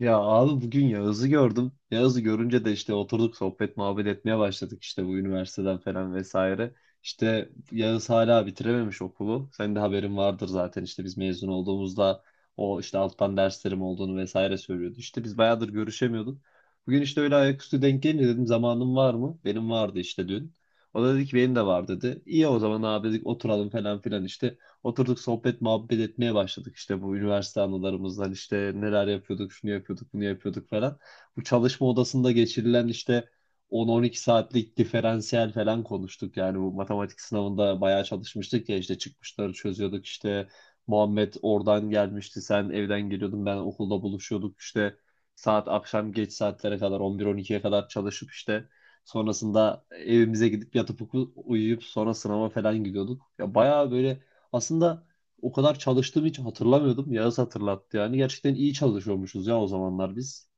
Ya abi bugün Yağız'ı gördüm. Yağız'ı görünce de işte oturduk sohbet muhabbet etmeye başladık işte bu üniversiteden falan vesaire. İşte Yağız hala bitirememiş okulu. Senin de haberin vardır zaten işte biz mezun olduğumuzda o işte alttan derslerim olduğunu vesaire söylüyordu. İşte biz bayağıdır görüşemiyorduk. Bugün işte öyle ayaküstü denk gelince dedim zamanın var mı? Benim vardı işte dün. O da dedi ki benim de var dedi. İyi o zaman abi dedik oturalım falan filan işte. Oturduk sohbet muhabbet etmeye başladık işte bu üniversite anılarımızdan işte neler yapıyorduk şunu yapıyorduk bunu yapıyorduk falan. Bu çalışma odasında geçirilen işte 10-12 saatlik diferansiyel falan konuştuk. Yani bu matematik sınavında bayağı çalışmıştık ya işte çıkmışları çözüyorduk işte Muhammed oradan gelmişti, sen evden geliyordun, ben okulda buluşuyorduk işte saat akşam geç saatlere kadar 11-12'ye kadar çalışıp işte sonrasında evimize gidip yatıp uyuyup sonra sınava falan gidiyorduk. Ya bayağı böyle aslında o kadar çalıştığımı hiç hatırlamıyordum. Yağız hatırlattı yani. Gerçekten iyi çalışıyormuşuz ya o zamanlar biz.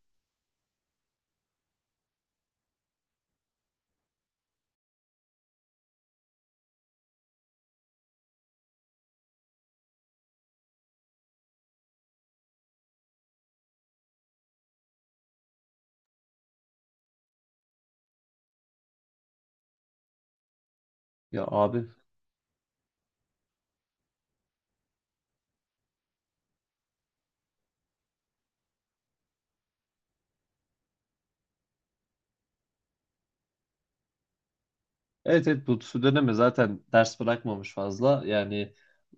Ya abi. Evet, evet, bu Südeneme zaten ders bırakmamış fazla. Yani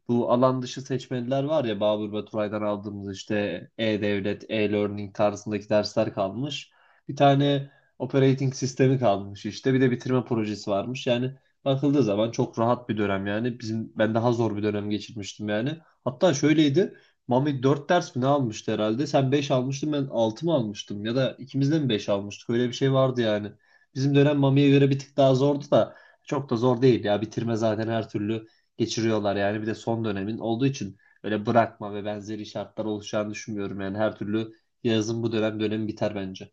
bu alan dışı seçmeliler var ya, Babür Baturay'dan aldığımız işte e-devlet, e-learning tarzındaki dersler kalmış. Bir tane operating sistemi kalmış işte. Bir de bitirme projesi varmış. Yani bakıldığı zaman çok rahat bir dönem yani. Bizim ben daha zor bir dönem geçirmiştim yani. Hatta şöyleydi. Mami 4 ders mi ne almıştı herhalde? Sen 5 almıştın, ben 6 mı almıştım? Ya da ikimiz de mi 5 almıştık? Öyle bir şey vardı yani. Bizim dönem Mami'ye göre bir tık daha zordu da çok da zor değil ya. Bitirme zaten her türlü geçiriyorlar yani. Bir de son dönemin olduğu için öyle bırakma ve benzeri şartlar oluşacağını düşünmüyorum. Yani her türlü yazın bu dönem dönemi biter bence.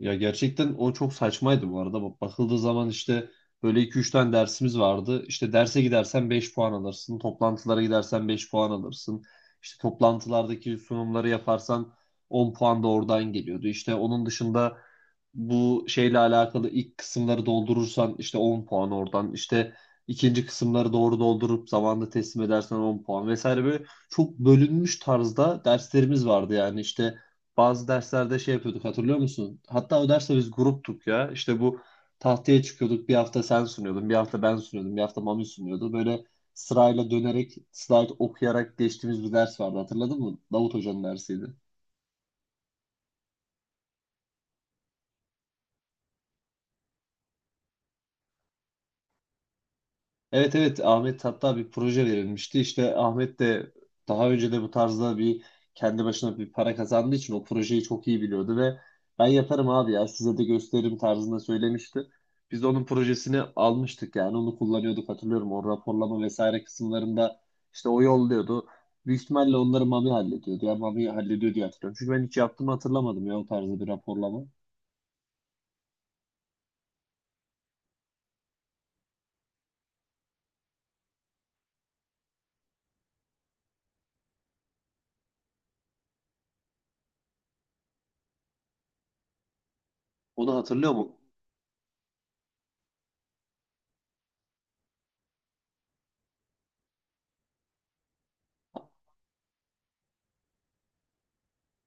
Ya gerçekten o çok saçmaydı bu arada. Bak, bakıldığı zaman işte böyle iki üç tane dersimiz vardı. İşte derse gidersen 5 puan alırsın. Toplantılara gidersen 5 puan alırsın. İşte toplantılardaki sunumları yaparsan 10 puan da oradan geliyordu. İşte onun dışında bu şeyle alakalı ilk kısımları doldurursan işte 10 puan oradan. İşte ikinci kısımları doğru doldurup zamanında teslim edersen 10 puan vesaire, böyle çok bölünmüş tarzda derslerimiz vardı yani işte bazı derslerde şey yapıyorduk, hatırlıyor musun? Hatta o derste biz gruptuk ya. İşte bu tahtaya çıkıyorduk. Bir hafta sen sunuyordun, bir hafta ben sunuyordum, bir hafta Mami sunuyordu. Böyle sırayla dönerek, slide okuyarak geçtiğimiz bir ders vardı, hatırladın mı? Davut Hoca'nın dersiydi. Evet, evet, Ahmet hatta bir proje verilmişti. İşte Ahmet de daha önce de bu tarzda bir kendi başına bir para kazandığı için o projeyi çok iyi biliyordu ve ben yaparım abi ya size de gösteririm tarzında söylemişti. Biz de onun projesini almıştık yani onu kullanıyorduk hatırlıyorum, o raporlama vesaire kısımlarında işte o yolluyordu. Büyük ihtimalle onları Mami hallediyordu ya, Mami hallediyor diye hatırlıyorum. Çünkü ben hiç yaptığımı hatırlamadım ya o tarzda bir raporlama. Onu hatırlıyor mu?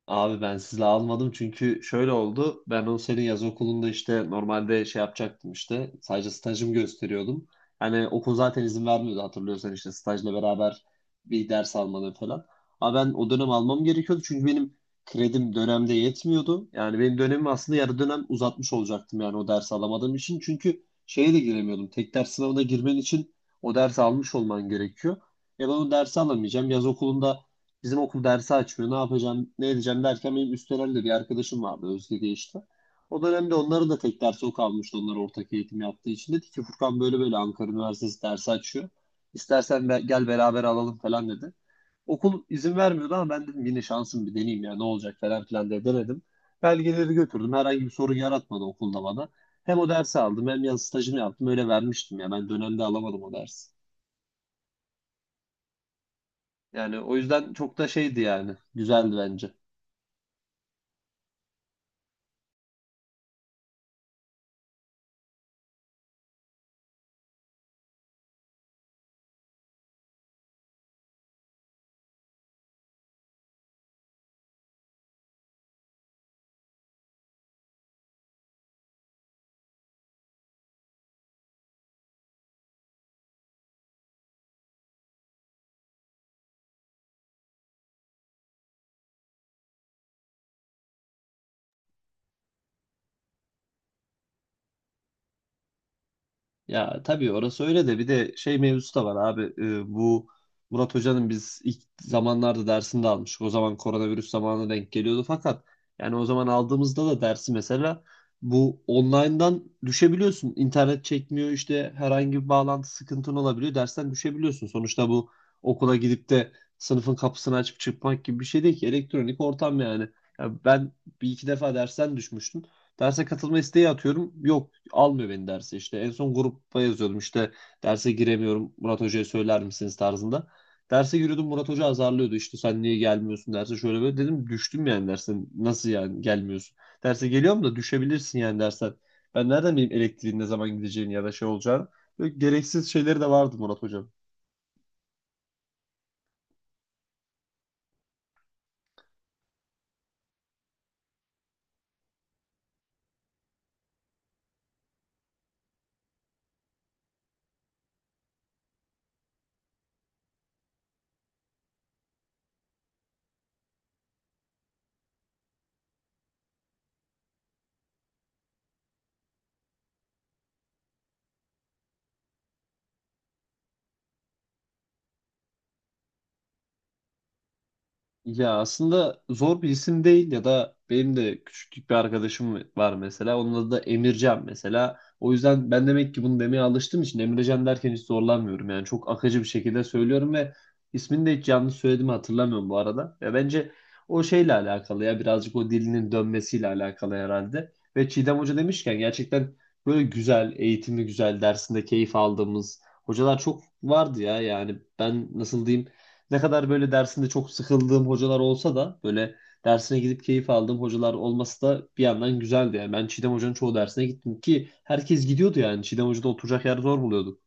Abi ben sizle almadım çünkü şöyle oldu. Ben o senin yaz okulunda işte normalde şey yapacaktım işte. Sadece stajımı gösteriyordum. Hani okul zaten izin vermiyordu, hatırlıyorsan işte stajla beraber bir ders almanı falan. Ama ben o dönem almam gerekiyordu çünkü benim kredim dönemde yetmiyordu. Yani benim dönemimi aslında yarı dönem uzatmış olacaktım yani o dersi alamadığım için. Çünkü şeye de giremiyordum. Tek ders sınavına girmen için o dersi almış olman gerekiyor. Ya ben o dersi alamayacağım. Yaz okulunda bizim okul dersi açmıyor. Ne yapacağım, ne edeceğim derken benim Üsteler'de bir arkadaşım vardı Özge diye işte. O dönemde onların da tek dersi o kalmıştı. Onlar ortak eğitim yaptığı için. Dedi ki Furkan, böyle böyle Ankara Üniversitesi dersi açıyor. İstersen gel beraber alalım falan dedi. Okul izin vermiyordu ama ben dedim yine şansım, bir deneyeyim ya ne olacak falan filan diye denedim. Belgeleri götürdüm. Herhangi bir sorun yaratmadı okulda bana. Hem o dersi aldım hem yaz stajını yaptım. Öyle vermiştim ya. Ben dönemde alamadım o dersi. Yani o yüzden çok da şeydi yani. Güzeldi bence. Ya tabii orası öyle de bir de şey mevzusu da var abi. Bu Murat Hoca'nın biz ilk zamanlarda dersini de almıştık. O zaman koronavirüs zamanına denk geliyordu fakat yani o zaman aldığımızda da dersi mesela bu online'dan düşebiliyorsun. İnternet çekmiyor, işte herhangi bir bağlantı sıkıntın olabiliyor. Dersten düşebiliyorsun. Sonuçta bu okula gidip de sınıfın kapısını açıp çıkmak gibi bir şey değil ki. Elektronik ortam yani. Ya ben bir iki defa dersten düşmüştüm. Derse katılma isteği atıyorum. Yok, almıyor beni derse, işte en son grupta yazıyordum işte derse giremiyorum, Murat Hoca'ya söyler misiniz tarzında. Derse giriyordum, Murat Hoca azarlıyordu işte sen niye gelmiyorsun derse şöyle böyle, dedim düştüm yani, dersen nasıl yani gelmiyorsun. Derse geliyorum da düşebilirsin yani dersen. Ben nereden bileyim elektriğin ne zaman gideceğini ya da şey olacağını. Böyle gereksiz şeyleri de vardı Murat Hocam. Ya aslında zor bir isim değil ya da benim de küçüklük bir arkadaşım var mesela. Onun adı da Emircan mesela. O yüzden ben demek ki bunu demeye alıştığım için Emircan derken hiç zorlanmıyorum. Yani çok akıcı bir şekilde söylüyorum ve ismini de hiç yanlış söylediğimi hatırlamıyorum bu arada. Ya bence o şeyle alakalı ya, birazcık o dilinin dönmesiyle alakalı herhalde. Ve Çiğdem Hoca demişken gerçekten böyle güzel, eğitimi güzel, dersinde keyif aldığımız hocalar çok vardı ya. Yani ben nasıl diyeyim, ne kadar böyle dersinde çok sıkıldığım hocalar olsa da böyle dersine gidip keyif aldığım hocalar olması da bir yandan güzeldi. Yani ben Çiğdem Hoca'nın çoğu dersine gittim ki herkes gidiyordu yani. Çiğdem Hoca'da oturacak yer zor buluyorduk.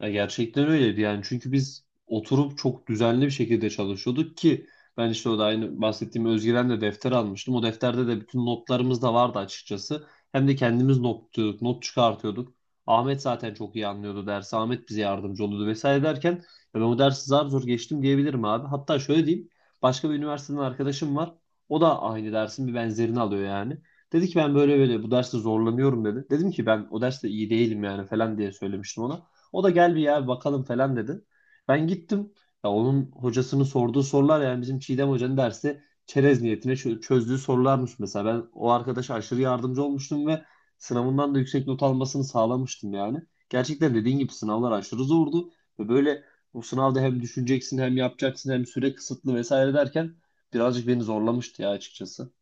Ya gerçekten öyleydi yani, çünkü biz oturup çok düzenli bir şekilde çalışıyorduk ki ben işte o da aynı bahsettiğim Özgiren'le defter almıştım. O defterde de bütün notlarımız da vardı açıkçası. Hem de kendimiz not tutuyorduk, not çıkartıyorduk. Ahmet zaten çok iyi anlıyordu dersi. Ahmet bize yardımcı oluyordu vesaire derken ya ben o dersi zar zor geçtim diyebilirim abi. Hatta şöyle diyeyim. Başka bir üniversiteden arkadaşım var. O da aynı dersin bir benzerini alıyor yani. Dedi ki ben böyle böyle bu derste zorlanıyorum dedi. Dedim ki ben o derste iyi değilim yani falan diye söylemiştim ona. O da gel bir ya bakalım falan dedi. Ben gittim. Ya onun hocasının sorduğu sorular yani bizim Çiğdem Hoca'nın dersi çerez niyetine çözdüğü sorularmış mesela. Ben o arkadaşa aşırı yardımcı olmuştum ve sınavından da yüksek not almasını sağlamıştım yani. Gerçekten dediğin gibi sınavlar aşırı zordu ve böyle o sınavda hem düşüneceksin hem yapacaksın hem süre kısıtlı vesaire derken birazcık beni zorlamıştı ya açıkçası.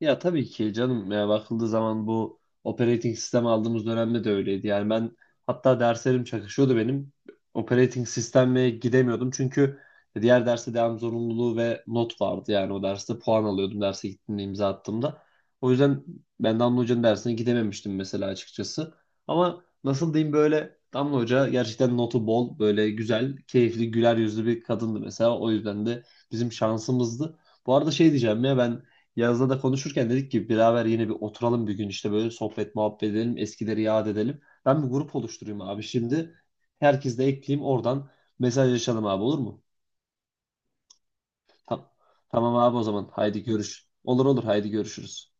Ya tabii ki canım, ya bakıldığı zaman bu operating sistem aldığımız dönemde de öyleydi. Yani ben hatta derslerim çakışıyordu benim. Operating sisteme gidemiyordum çünkü diğer derste devam zorunluluğu ve not vardı. Yani o derste puan alıyordum derse gittiğimde, imza attığımda. O yüzden ben Damla Hoca'nın dersine gidememiştim mesela açıkçası. Ama nasıl diyeyim, böyle Damla Hoca gerçekten notu bol, böyle güzel, keyifli, güler yüzlü bir kadındı mesela. O yüzden de bizim şansımızdı. Bu arada şey diyeceğim ya, ben Yaz'la da konuşurken dedik ki beraber yine bir oturalım bir gün işte, böyle sohbet muhabbet edelim, eskileri yad edelim. Ben bir grup oluşturayım abi şimdi, herkesi de ekleyeyim, oradan mesajlaşalım abi, olur mu? Tamam, tamam abi, o zaman haydi görüş. Olur, olur, haydi görüşürüz.